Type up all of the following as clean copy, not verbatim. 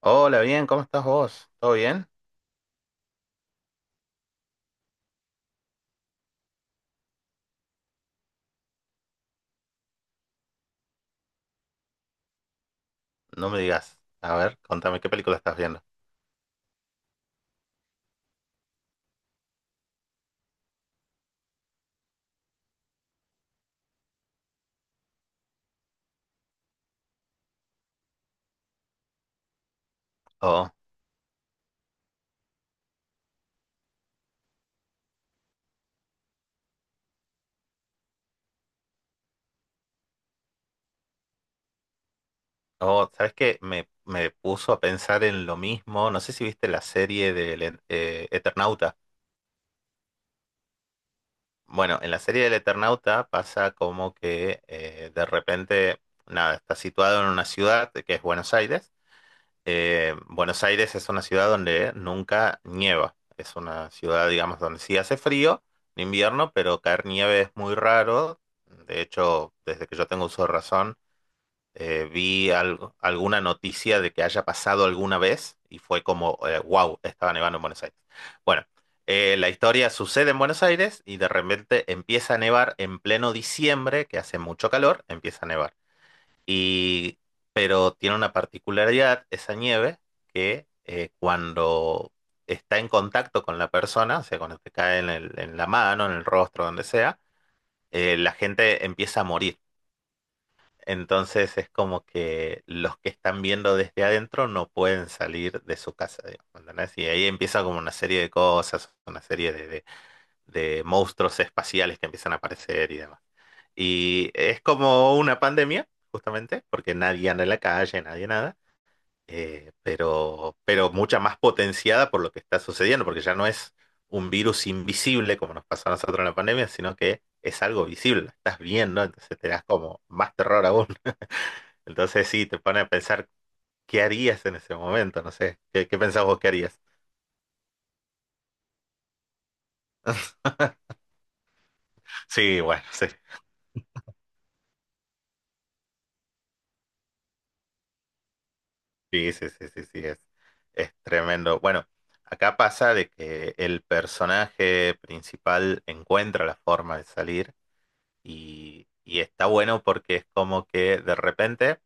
Hola, bien, ¿cómo estás vos? ¿Todo bien? No me digas. A ver, contame, ¿qué película estás viendo? Oh, oh, ¿sabes qué? Me puso a pensar en lo mismo. No sé si viste la serie del Eternauta. Bueno, en la serie del Eternauta pasa como que de repente, nada, está situado en una ciudad que es Buenos Aires. Buenos Aires es una ciudad donde nunca nieva. Es una ciudad, digamos, donde sí hace frío en invierno, pero caer nieve es muy raro. De hecho, desde que yo tengo uso de razón, vi alguna noticia de que haya pasado alguna vez y fue como, wow, estaba nevando en Buenos Aires. Bueno, la historia sucede en Buenos Aires y de repente empieza a nevar en pleno diciembre, que hace mucho calor, empieza a nevar. Y, pero tiene una particularidad esa nieve que cuando está en contacto con la persona, o sea, cuando te cae en en la mano, en el rostro, donde sea, la gente empieza a morir. Entonces es como que los que están viendo desde adentro no pueden salir de su casa, digamos, ¿entendés? Y ahí empieza como una serie de cosas, una serie de monstruos espaciales que empiezan a aparecer y demás. Y es como una pandemia, justamente, porque nadie anda en la calle, nadie nada, pero mucha más potenciada por lo que está sucediendo, porque ya no es un virus invisible como nos pasó a nosotros en la pandemia, sino que es algo visible, lo estás viendo, entonces te das como más terror aún. Entonces sí, te pone a pensar qué harías en ese momento, no sé, ¿qué pensás vos que harías? Sí, bueno, sí. Sí, sí, sí, sí, sí, es tremendo. Bueno, acá pasa de que el personaje principal encuentra la forma de salir y está bueno porque es como que de repente,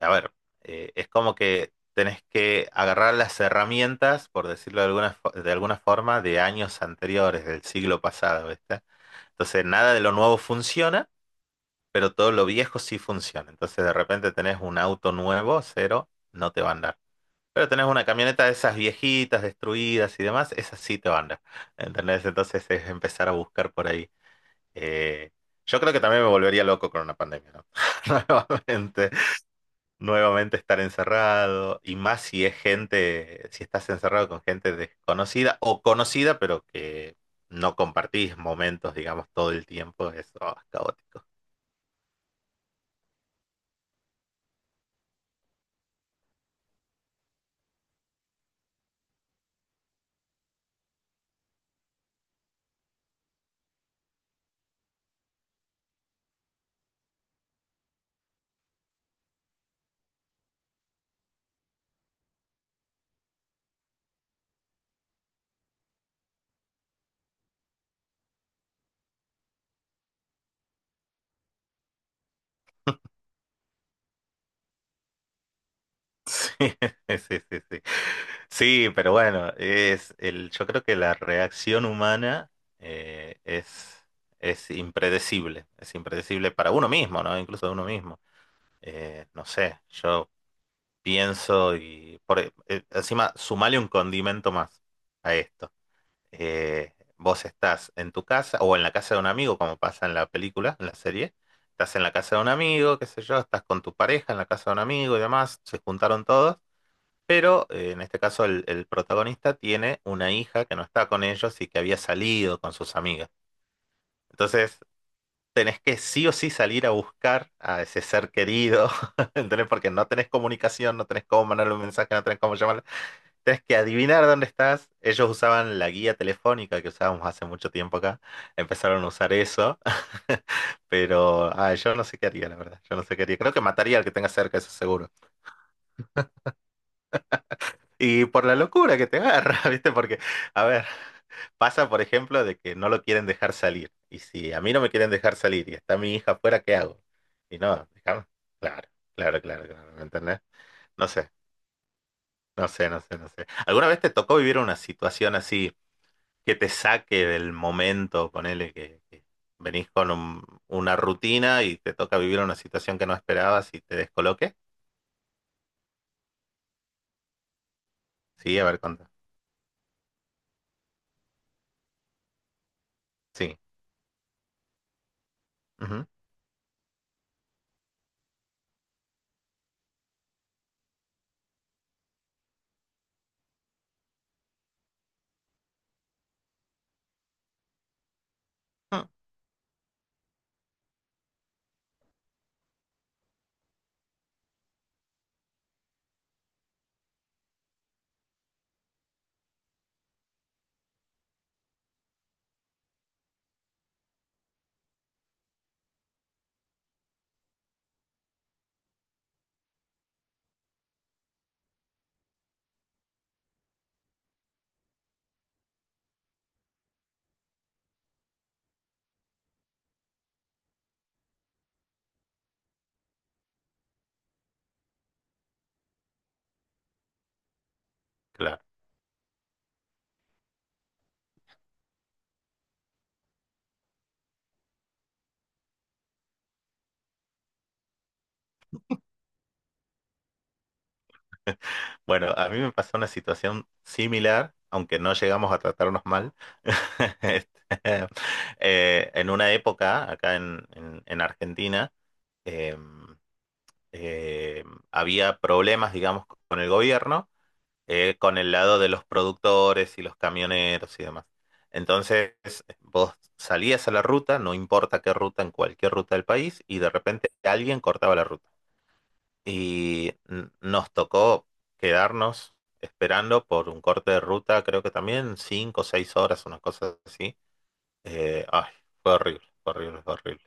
a ver, es como que tenés que agarrar las herramientas, por decirlo de alguna, de alguna forma, de años anteriores, del siglo pasado, ¿viste? Entonces, nada de lo nuevo funciona, pero todo lo viejo sí funciona. Entonces, de repente tenés un auto nuevo, cero, no te va a andar. Pero tenés una camioneta de esas viejitas, destruidas y demás, esas sí te van, ¿entendés? Entonces es empezar a buscar por ahí. Eh, yo creo que también me volvería loco con una pandemia, ¿no? Nuevamente, nuevamente estar encerrado, y más si es gente, si estás encerrado con gente desconocida o conocida, pero que no compartís momentos, digamos, todo el tiempo, eso es caótico. Sí, sí, sí, sí. Sí, pero bueno, yo creo que la reacción humana eh, es, es impredecible para uno mismo, ¿no? Incluso de uno mismo. No sé, yo pienso y encima sumale un condimento más a esto. Vos estás en tu casa o en la casa de un amigo, como pasa en la película, en la serie. Estás en la casa de un amigo, qué sé yo, estás con tu pareja en la casa de un amigo y demás, se juntaron todos. Pero en este caso el protagonista tiene una hija que no está con ellos y que había salido con sus amigas. Entonces tenés que sí o sí salir a buscar a ese ser querido, ¿entendés? Porque no tenés comunicación, no tenés cómo mandarle un mensaje, no tenés cómo llamarle. Tenés que adivinar dónde estás. Ellos usaban la guía telefónica que usábamos hace mucho tiempo acá. Empezaron a usar eso. Pero ah, yo no sé qué haría, la verdad. Yo no sé qué haría. Creo que mataría al que tenga cerca, eso seguro. Y por la locura que te agarra, ¿viste? Porque, a ver, pasa, por ejemplo, de que no lo quieren dejar salir. Y si a mí no me quieren dejar salir y está mi hija afuera, ¿qué hago? Y no, déjame. Claro, claro, claro, claro, ¿me entendés? No sé, no sé, no sé, no sé. ¿Alguna vez te tocó vivir una situación así que te saque del momento, ponele que venís con una rutina y te toca vivir una situación que no esperabas y te descoloque? Sí, a ver, contá. Sí. Ujú. Mm. Claro. Bueno, a mí me pasó una situación similar, aunque no llegamos a tratarnos mal. Este, en una época, acá en Argentina, eh, eh, había problemas, digamos, con el gobierno, con el lado de los productores y los camioneros y demás. Entonces, vos salías a la ruta, no importa qué ruta, en cualquier ruta del país, y de repente alguien cortaba la ruta y nos tocó quedarnos esperando por un corte de ruta, creo que también 5 o 6 horas, una cosa así. Ay, fue horrible, fue horrible, fue horrible.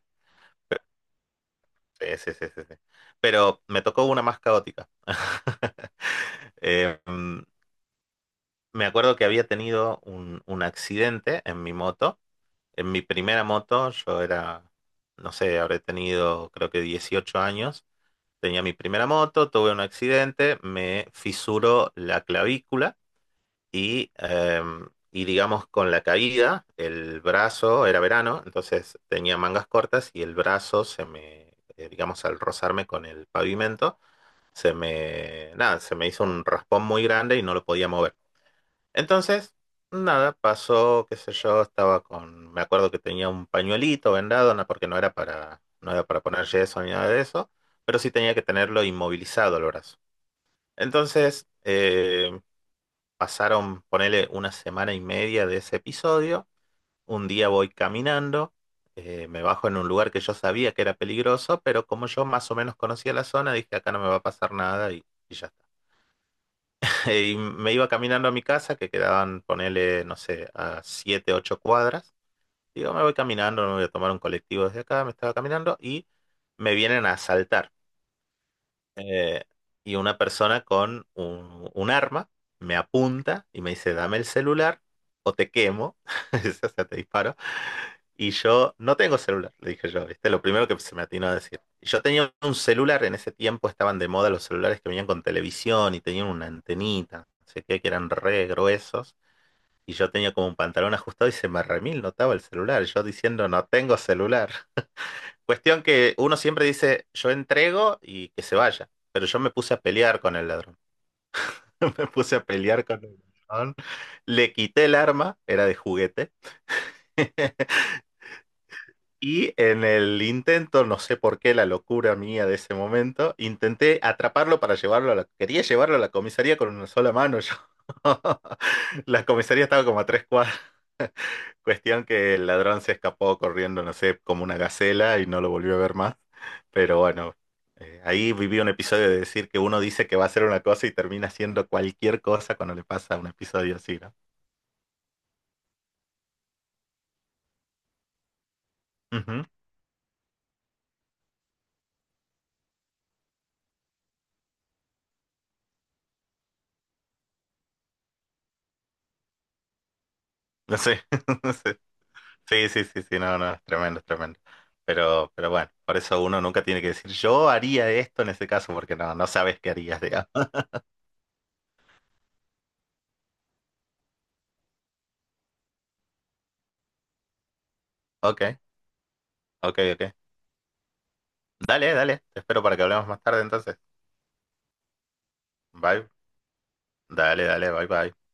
Sí, sí, sí, sí, sí. Pero me tocó una más caótica. Eh, mm, me acuerdo que había tenido un accidente en mi moto. En mi primera moto, yo era, no sé, habré tenido creo que 18 años. Tenía mi primera moto, tuve un accidente, me fisuró la clavícula y digamos con la caída, el brazo, era verano, entonces tenía mangas cortas y el brazo se me, digamos al rozarme con el pavimento, nada, se me hizo un raspón muy grande y no lo podía mover. Entonces, nada, pasó, qué sé yo, estaba con, me acuerdo que tenía un pañuelito vendado, no, porque no era para poner yeso ni nada de eso, pero sí tenía que tenerlo inmovilizado el brazo. Entonces, pasaron, ponele una semana y media de ese episodio. Un día voy caminando, me bajo en un lugar que yo sabía que era peligroso, pero como yo más o menos conocía la zona, dije acá no me va a pasar nada y ya está. Y me iba caminando a mi casa, que quedaban, ponele, no sé, a 7, 8 cuadras. Digo, me voy caminando, me voy a tomar un colectivo desde acá, me estaba caminando y me vienen a asaltar. eh, y una persona con un arma me apunta y me dice, dame el celular o te quemo, o sea, te disparo. Y yo no tengo celular, le dije yo, ¿viste? Lo primero que se me atinó a decir. Y yo tenía un celular, en ese tiempo estaban de moda los celulares que venían con televisión y tenían una antenita, no sé qué, que eran re gruesos. Y yo tenía como un pantalón ajustado y se me remil notaba el celular, yo diciendo, no tengo celular. Cuestión que uno siempre dice, yo entrego y que se vaya. Pero yo me puse a pelear con el ladrón. Me puse a pelear con el ladrón. Le quité el arma, era de juguete. Y en el intento, no sé por qué, la locura mía de ese momento, intenté atraparlo para llevarlo a la... Quería llevarlo a la comisaría con una sola mano. Yo. La comisaría estaba como a 3 cuadras. Cuestión que el ladrón se escapó corriendo, no sé, como una gacela y no lo volvió a ver más. Pero bueno, ahí viví un episodio de decir que uno dice que va a hacer una cosa y termina haciendo cualquier cosa cuando le pasa un episodio así, ¿no? Ujú. No sé, no sé. Sí, sí, sí, sí, no, no, es tremendo, es tremendo. Pero bueno, por eso uno nunca tiene que decir, yo haría esto en ese caso, porque no, no sabes qué harías, digamos. Ok, ok, ok. Dale, dale, te espero para que hablemos más tarde entonces. Bye. Dale, dale, bye, bye.